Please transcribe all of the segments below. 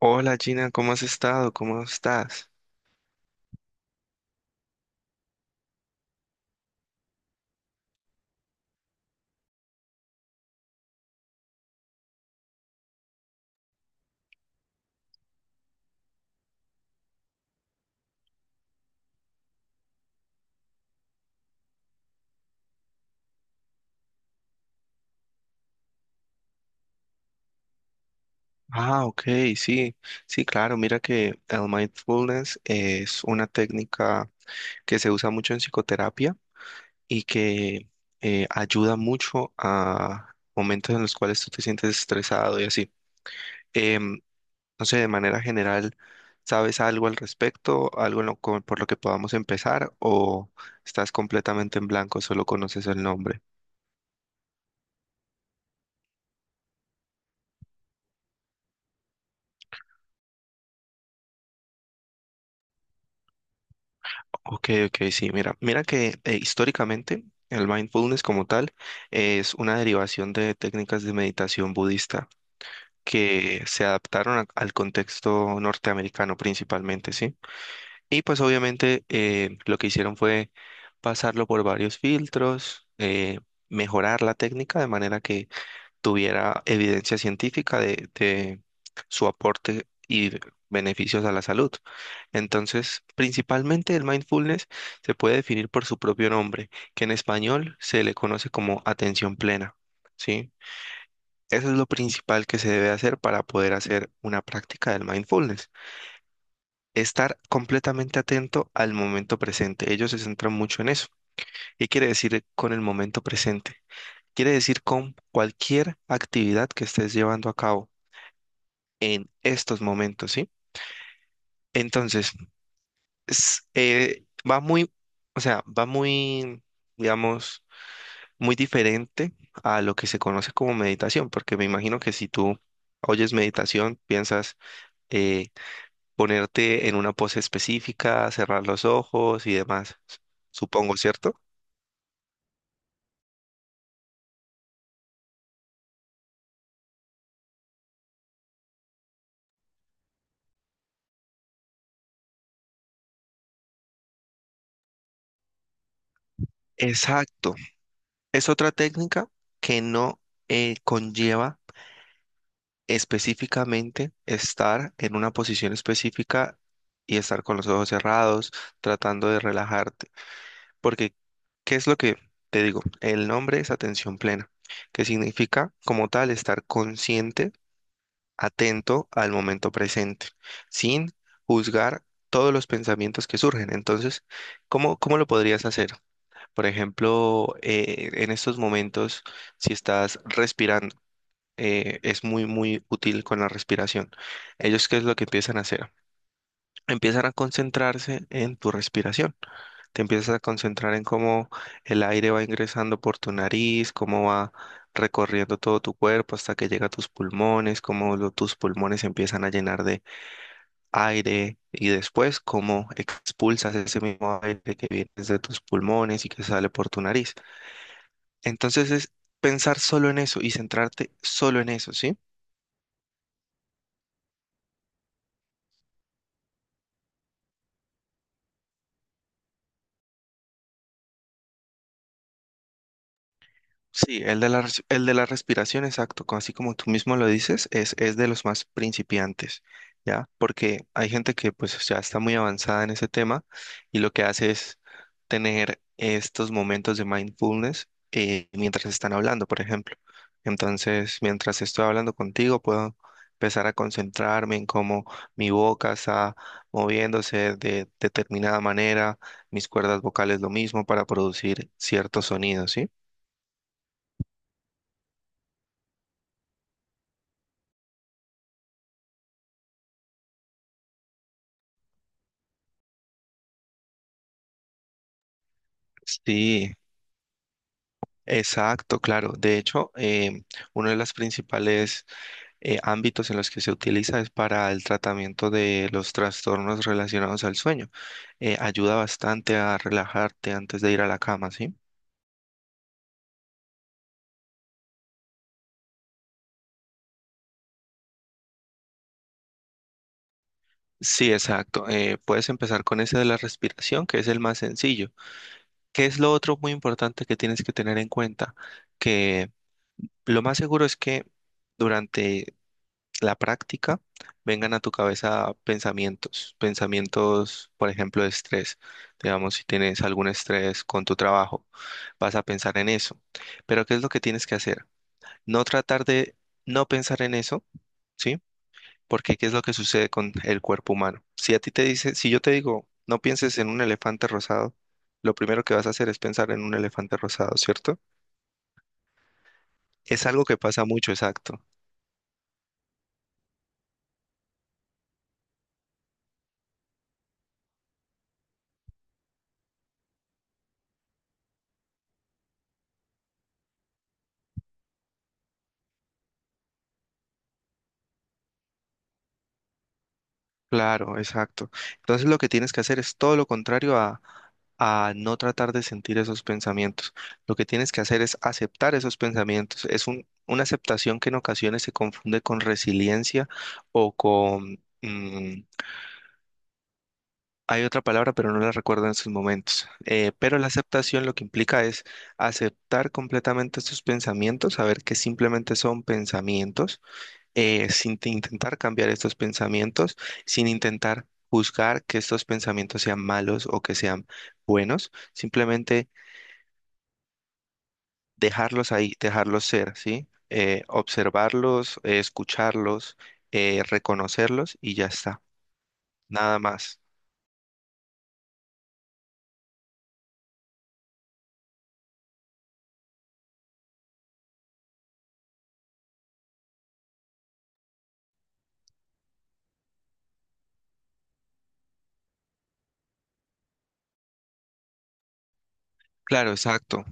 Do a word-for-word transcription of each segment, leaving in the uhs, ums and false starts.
Hola Gina, ¿cómo has estado? ¿Cómo estás? Ah, ok, sí, sí, claro, mira que el mindfulness es una técnica que se usa mucho en psicoterapia y que eh, ayuda mucho a momentos en los cuales tú te sientes estresado y así. Em, no sé, de manera general, ¿sabes algo al respecto? ¿Algo en lo co- por lo que podamos empezar? ¿O estás completamente en blanco, solo conoces el nombre? Ok, ok, sí, mira, mira que eh, históricamente el mindfulness como tal es una derivación de técnicas de meditación budista que se adaptaron a- al contexto norteamericano principalmente, ¿sí? Y pues obviamente eh, lo que hicieron fue pasarlo por varios filtros, eh, mejorar la técnica de manera que tuviera evidencia científica de, de su aporte y beneficios a la salud. Entonces, principalmente el mindfulness se puede definir por su propio nombre, que en español se le conoce como atención plena, ¿sí? Eso es lo principal que se debe hacer para poder hacer una práctica del mindfulness. Estar completamente atento al momento presente. Ellos se centran mucho en eso. ¿Qué quiere decir con el momento presente? Quiere decir con cualquier actividad que estés llevando a cabo en estos momentos, ¿sí? Entonces, es, eh, va muy, o sea, va muy, digamos, muy diferente a lo que se conoce como meditación, porque me imagino que si tú oyes meditación, piensas eh, ponerte en una pose específica, cerrar los ojos y demás, s- supongo, ¿cierto? Exacto. Es otra técnica que no eh, conlleva específicamente estar en una posición específica y estar con los ojos cerrados, tratando de relajarte. Porque, ¿qué es lo que te digo? El nombre es atención plena, que significa como tal estar consciente, atento al momento presente, sin juzgar todos los pensamientos que surgen. Entonces, ¿cómo, cómo lo podrías hacer? Por ejemplo, eh, en estos momentos, si estás respirando, eh, es muy, muy útil con la respiración. Ellos, ¿qué es lo que empiezan a hacer? Empiezan a concentrarse en tu respiración. Te empiezas a concentrar en cómo el aire va ingresando por tu nariz, cómo va recorriendo todo tu cuerpo hasta que llega a tus pulmones, cómo lo- tus pulmones se empiezan a llenar de aire y después cómo expulsas ese mismo aire que viene de tus pulmones y que sale por tu nariz. Entonces es pensar solo en eso y centrarte solo en eso, ¿sí? Sí, el de la, res- el de la respiración, exacto, co- así como tú mismo lo dices, es, es de los más principiantes, ¿ya? Porque hay gente que pues ya está muy avanzada en ese tema y lo que hace es tener estos momentos de mindfulness eh, mientras están hablando, por ejemplo. Entonces, mientras estoy hablando contigo, puedo empezar a concentrarme en cómo mi boca está moviéndose de determinada manera, mis cuerdas vocales lo mismo para producir ciertos sonidos, ¿sí? Sí, exacto, claro. De hecho, em, uno de los principales eh, ámbitos en los que se utiliza es para el tratamiento de los trastornos relacionados al sueño. Eh, ayuda bastante a relajarte antes de ir a la cama, ¿sí? Sí, exacto. Eh, puedes empezar con ese de la respiración, que es el más sencillo. ¿Qué es lo otro muy importante que tienes que tener en cuenta? Que lo más seguro es que durante la práctica, vengan a tu cabeza pensamientos, pensamientos, por ejemplo, de estrés. Digamos, si tienes algún estrés con tu trabajo, vas a pensar en eso. Pero ¿qué es lo que tienes que hacer? No tratar de no pensar en eso, ¿sí? Porque ¿qué es lo que sucede con el cuerpo humano? Si a ti te dice, si yo te digo, no pienses en un elefante rosado, lo primero que vas a hacer es pensar en un elefante rosado, ¿cierto? Es algo que pasa mucho, exacto. Claro, exacto. Entonces lo que tienes que hacer es todo lo contrario a, a no tratar de sentir esos pensamientos. Lo que tienes que hacer es aceptar esos pensamientos. Es un- una aceptación que en ocasiones se confunde con resiliencia o con... mm, hay otra palabra, pero no la recuerdo en estos momentos. Eh, pero la aceptación lo que implica es aceptar completamente estos pensamientos, saber que simplemente son pensamientos eh, sin te- intentar cambiar estos pensamientos, sin intentar juzgar que estos pensamientos sean malos o que sean buenos, simplemente dejarlos ahí, dejarlos ser, ¿sí? Eh, observarlos, eh, escucharlos, eh, reconocerlos y ya está, nada más. Claro, exacto.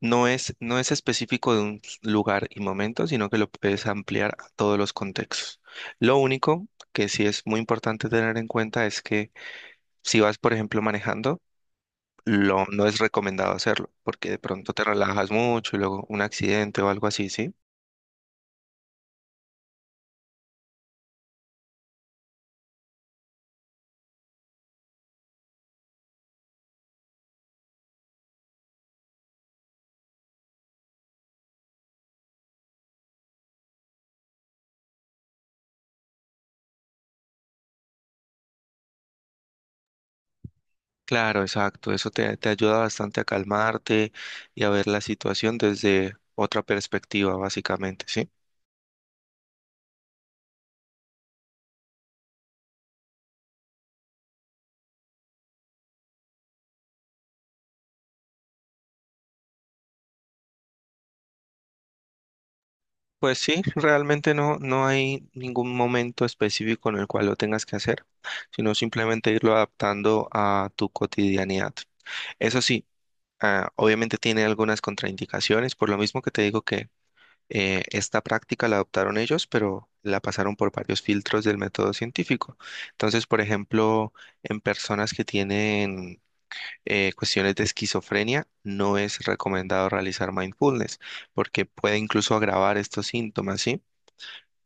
No es, no es específico de un lugar y momento, sino que lo puedes ampliar a todos los contextos. Lo único que sí es muy importante tener en cuenta es que si vas, por ejemplo, manejando, lo, no es recomendado hacerlo, porque de pronto te relajas mucho y luego un accidente o algo así, ¿sí? Claro, exacto, eso te, te ayuda bastante a calmarte y a ver la situación desde otra perspectiva, básicamente, ¿sí? Pues sí, realmente no, no hay ningún momento específico en el cual lo tengas que hacer, sino simplemente irlo adaptando a tu cotidianidad. Eso sí, ah, obviamente tiene algunas contraindicaciones, por lo mismo que te digo que Eh, esta práctica la adoptaron ellos, pero la pasaron por varios filtros del método científico. Entonces, por ejemplo, en personas que tienen eh, cuestiones de esquizofrenia, no es recomendado realizar mindfulness porque puede incluso agravar estos síntomas, ¿sí?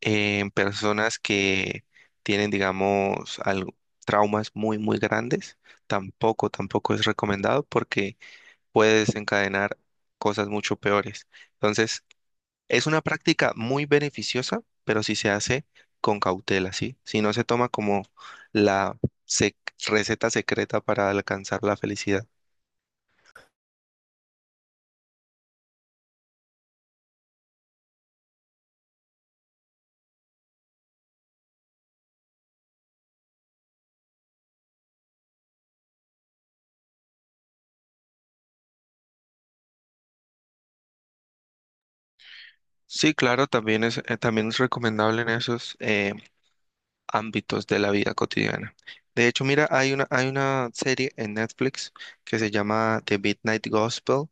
Eh, en personas que tienen, digamos, algo- traumas muy, muy grandes, tampoco, tampoco es recomendado porque puede desencadenar cosas mucho peores. Entonces, es una práctica muy beneficiosa, pero si se hace con cautela, ¿sí? Si no se toma como la sec- receta secreta para alcanzar la felicidad. Sí, claro, también es, eh, también es recomendable en esos eh, ámbitos de la vida cotidiana. De hecho, mira, hay una, hay una serie en Netflix que se llama The Midnight Gospel.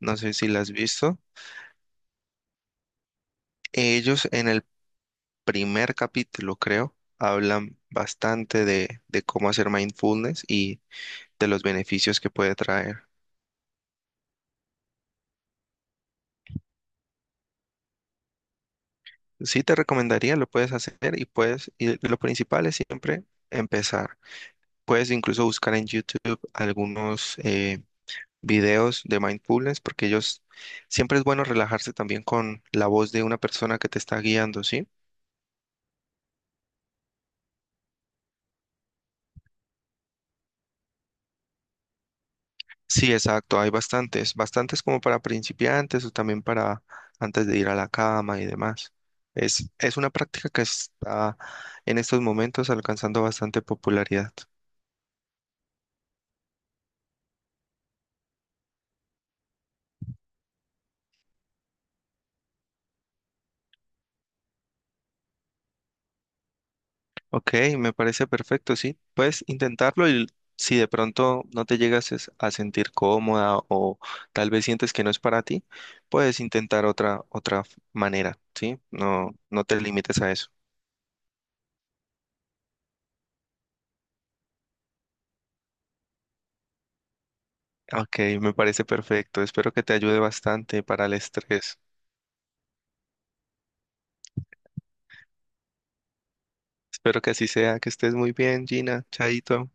No sé si la has visto. Ellos en el primer capítulo, creo, hablan bastante de, de cómo hacer mindfulness y de los beneficios que puede traer. Sí te recomendaría, lo puedes hacer y puedes, y lo principal es siempre empezar. Puedes incluso buscar en YouTube algunos eh, videos de mindfulness porque ellos siempre es bueno relajarse también con la voz de una persona que te está guiando, ¿sí? Sí, exacto, hay bastantes, bastantes como para principiantes o también para antes de ir a la cama y demás. Es, es una práctica que está en estos momentos alcanzando bastante popularidad. Ok, me parece perfecto, sí. Puedes intentarlo y si de pronto no te llegas es- a sentir cómoda o tal vez sientes que no es para ti, puedes intentar otra otra f- manera, ¿sí? No, no te limites a eso. Ok, me parece perfecto. Espero que te ayude bastante para el estrés. Espero que así sea, que estés muy bien, Gina. Chaito.